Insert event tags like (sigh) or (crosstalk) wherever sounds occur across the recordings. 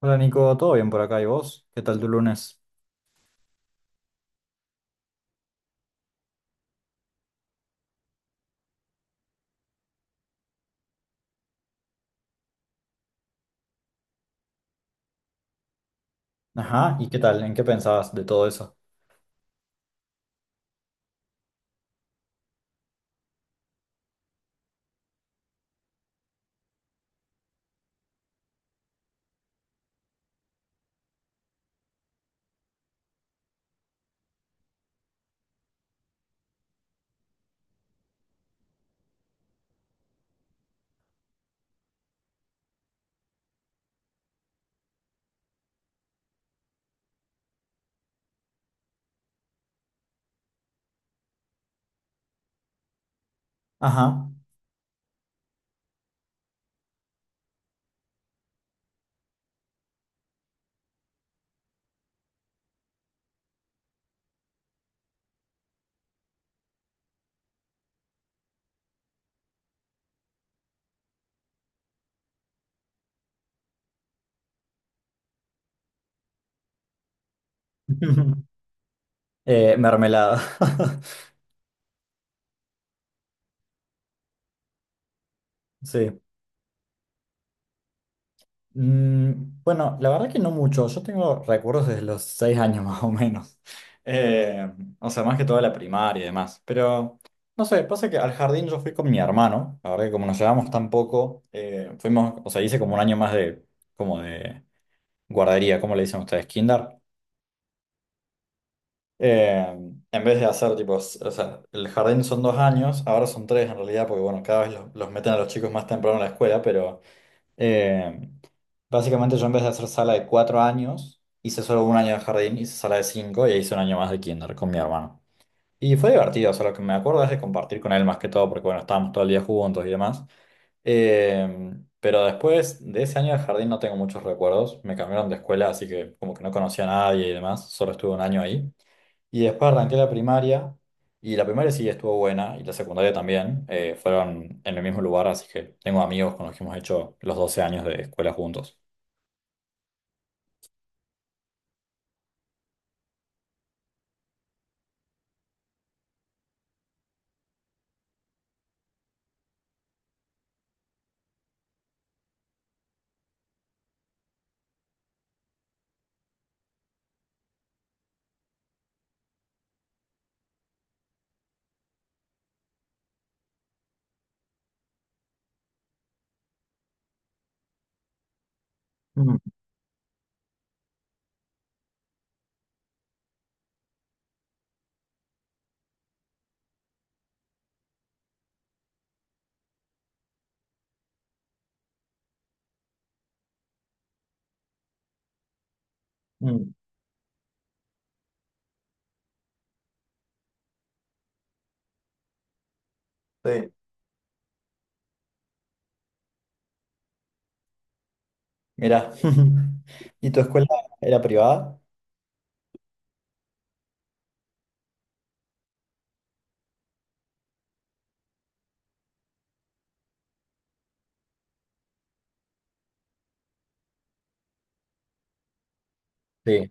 Hola Nico, ¿todo bien por acá? ¿Y vos? ¿Qué tal tu lunes? Ajá, ¿y qué tal? ¿En qué pensabas de todo eso? Ajá. (laughs) Mermelada. (laughs) Sí. Bueno, la verdad que no mucho. Yo tengo recuerdos desde los 6 años (laughs) más o menos. Eh, o sea, más que toda la primaria y demás. Pero, no sé, pasa que al jardín yo fui con mi hermano. La verdad que como nos llevamos tan poco, fuimos, o sea, hice como un año más de, como de guardería, ¿cómo le dicen ustedes? Kinder. Eh, en vez de hacer tipo, o sea, el jardín son 2 años, ahora son tres en realidad, porque bueno, cada vez los meten a los chicos más temprano en la escuela, pero eh, básicamente yo en vez de hacer sala de 4 años, hice solo un año de jardín, hice sala de cinco y e hice un año más de kinder con mi hermano. Y fue divertido, o sea, lo que me acuerdo es de compartir con él más que todo, porque bueno, estábamos todo el día juntos y demás. Eh, pero después de ese año de jardín no tengo muchos recuerdos, me cambiaron de escuela, así que como que no conocía a nadie y demás, solo estuve un año ahí. Y después arranqué la primaria, y la primaria sí estuvo buena, y la secundaria también. Fueron en el mismo lugar, así que tengo amigos con los que hemos hecho los 12 años de escuela juntos. Mm, mm, sí. Mirá, (laughs) ¿y tu escuela era privada? Sí,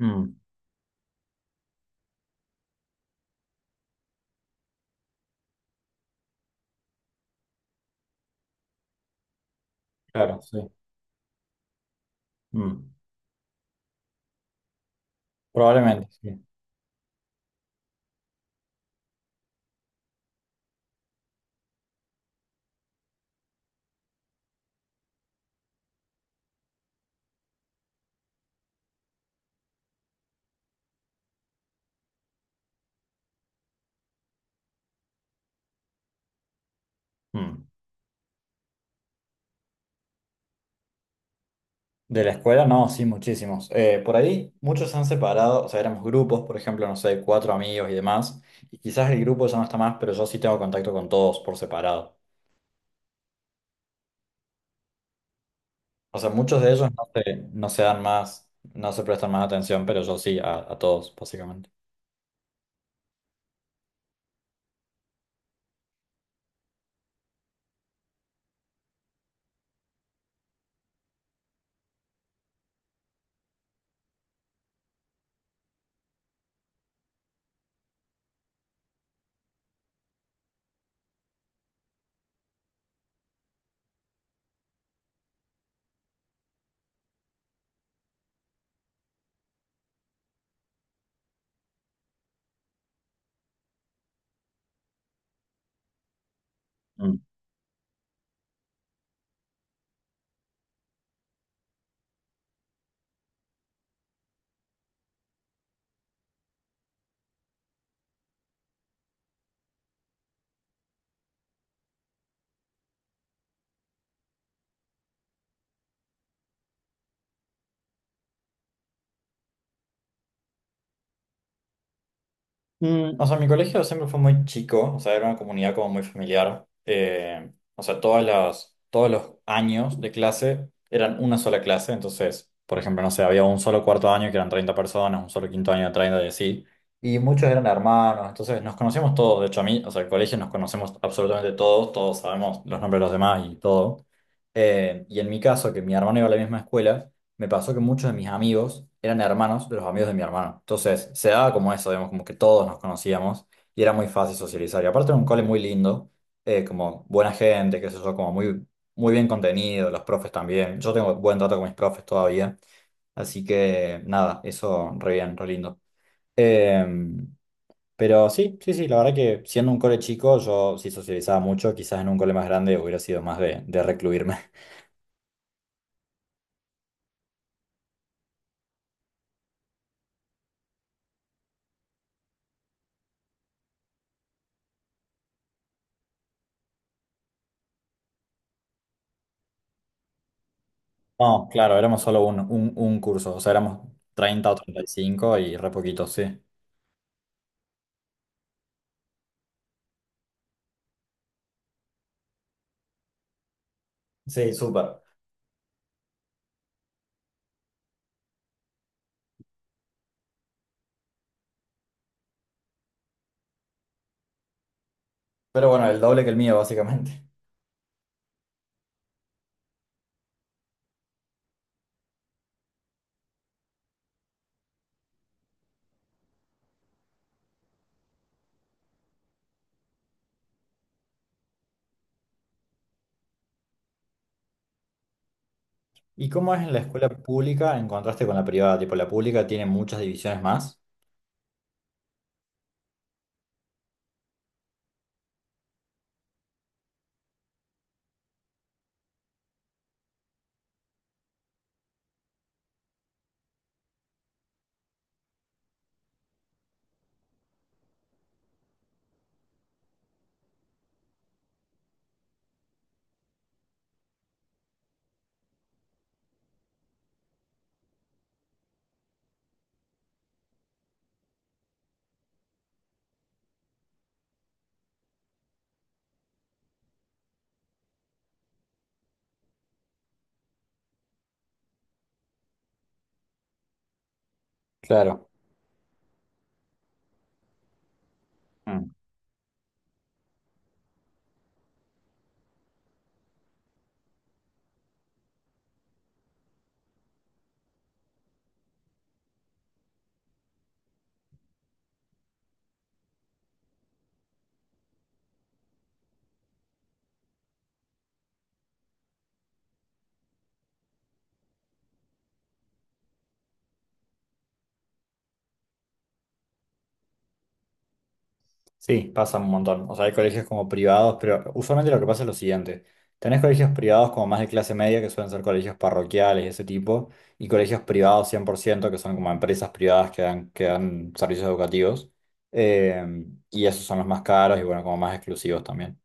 mm, claro, sí. Mm, probablemente, sí. Mm, de la escuela, no, sí, muchísimos. Por ahí muchos se han separado, o sea, éramos grupos, por ejemplo, no sé, cuatro amigos y demás, y quizás el grupo ya no está más, pero yo sí tengo contacto con todos por separado. O sea, muchos de ellos no se dan más, no se prestan más atención, pero yo sí, a todos, básicamente. O sea, mi colegio siempre fue muy chico, o sea, era una comunidad como muy familiar. O sea, todas las, todos los años de clase eran una sola clase, entonces, por ejemplo, no sé, había un solo cuarto año que eran 30 personas, un solo quinto año de 30 y así, y muchos eran hermanos, entonces nos conocíamos todos, de hecho a mí, o sea, el colegio nos conocemos absolutamente todos, todos sabemos los nombres de los demás y todo. Y en mi caso, que mi hermano iba a la misma escuela, me pasó que muchos de mis amigos eran hermanos de los amigos de mi hermano. Entonces, se daba como eso, digamos, como que todos nos conocíamos y era muy fácil socializar. Y aparte era un cole muy lindo, como buena gente, qué sé yo, como muy, muy bien contenido, los profes también. Yo tengo buen trato con mis profes todavía. Así que, nada, eso re bien, re lindo. Em, pero sí, sí, sí, la verdad que siendo un cole chico, yo sí socializaba mucho, quizás en un cole más grande hubiera sido más de recluirme. No, claro, éramos solo un curso, o sea, éramos 30 o 35 y cinco y re poquitos, sí. Sí, súper. Pero bueno, el doble que el mío, básicamente. (laughs) ¿Y cómo es en la escuela pública en contraste con la privada? Tipo, la pública tiene muchas divisiones más. Claro. Sí, pasa un montón. O sea, hay colegios como privados, pero usualmente lo que pasa es lo siguiente. Tenés colegios privados como más de clase media, que suelen ser colegios parroquiales, ese tipo, y colegios privados 100%, que son como empresas privadas que dan servicios educativos. Eh, y esos son los más caros y bueno, como más exclusivos también.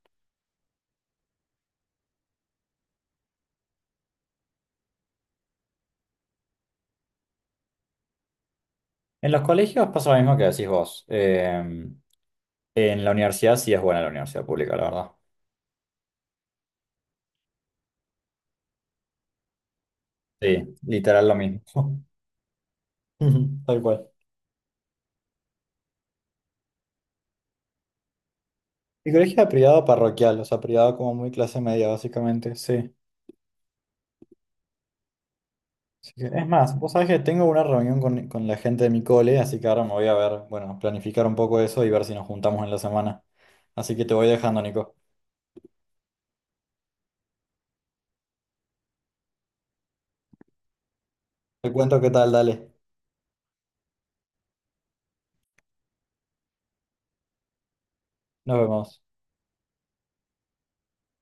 En los colegios pasa lo mismo que decís vos. En la universidad sí es buena la universidad pública, la verdad. Sí, literal lo mismo. (laughs) Tal cual. Mi colegio era privado parroquial, o sea, privado como muy clase media, básicamente, sí. Así que- es más, vos sabés que tengo una reunión con, la gente de mi cole, así que ahora me voy a ver, bueno, planificar un poco eso y ver si nos juntamos en la semana. Así que te voy dejando, Nico. Te cuento qué tal, dale. Nos vemos.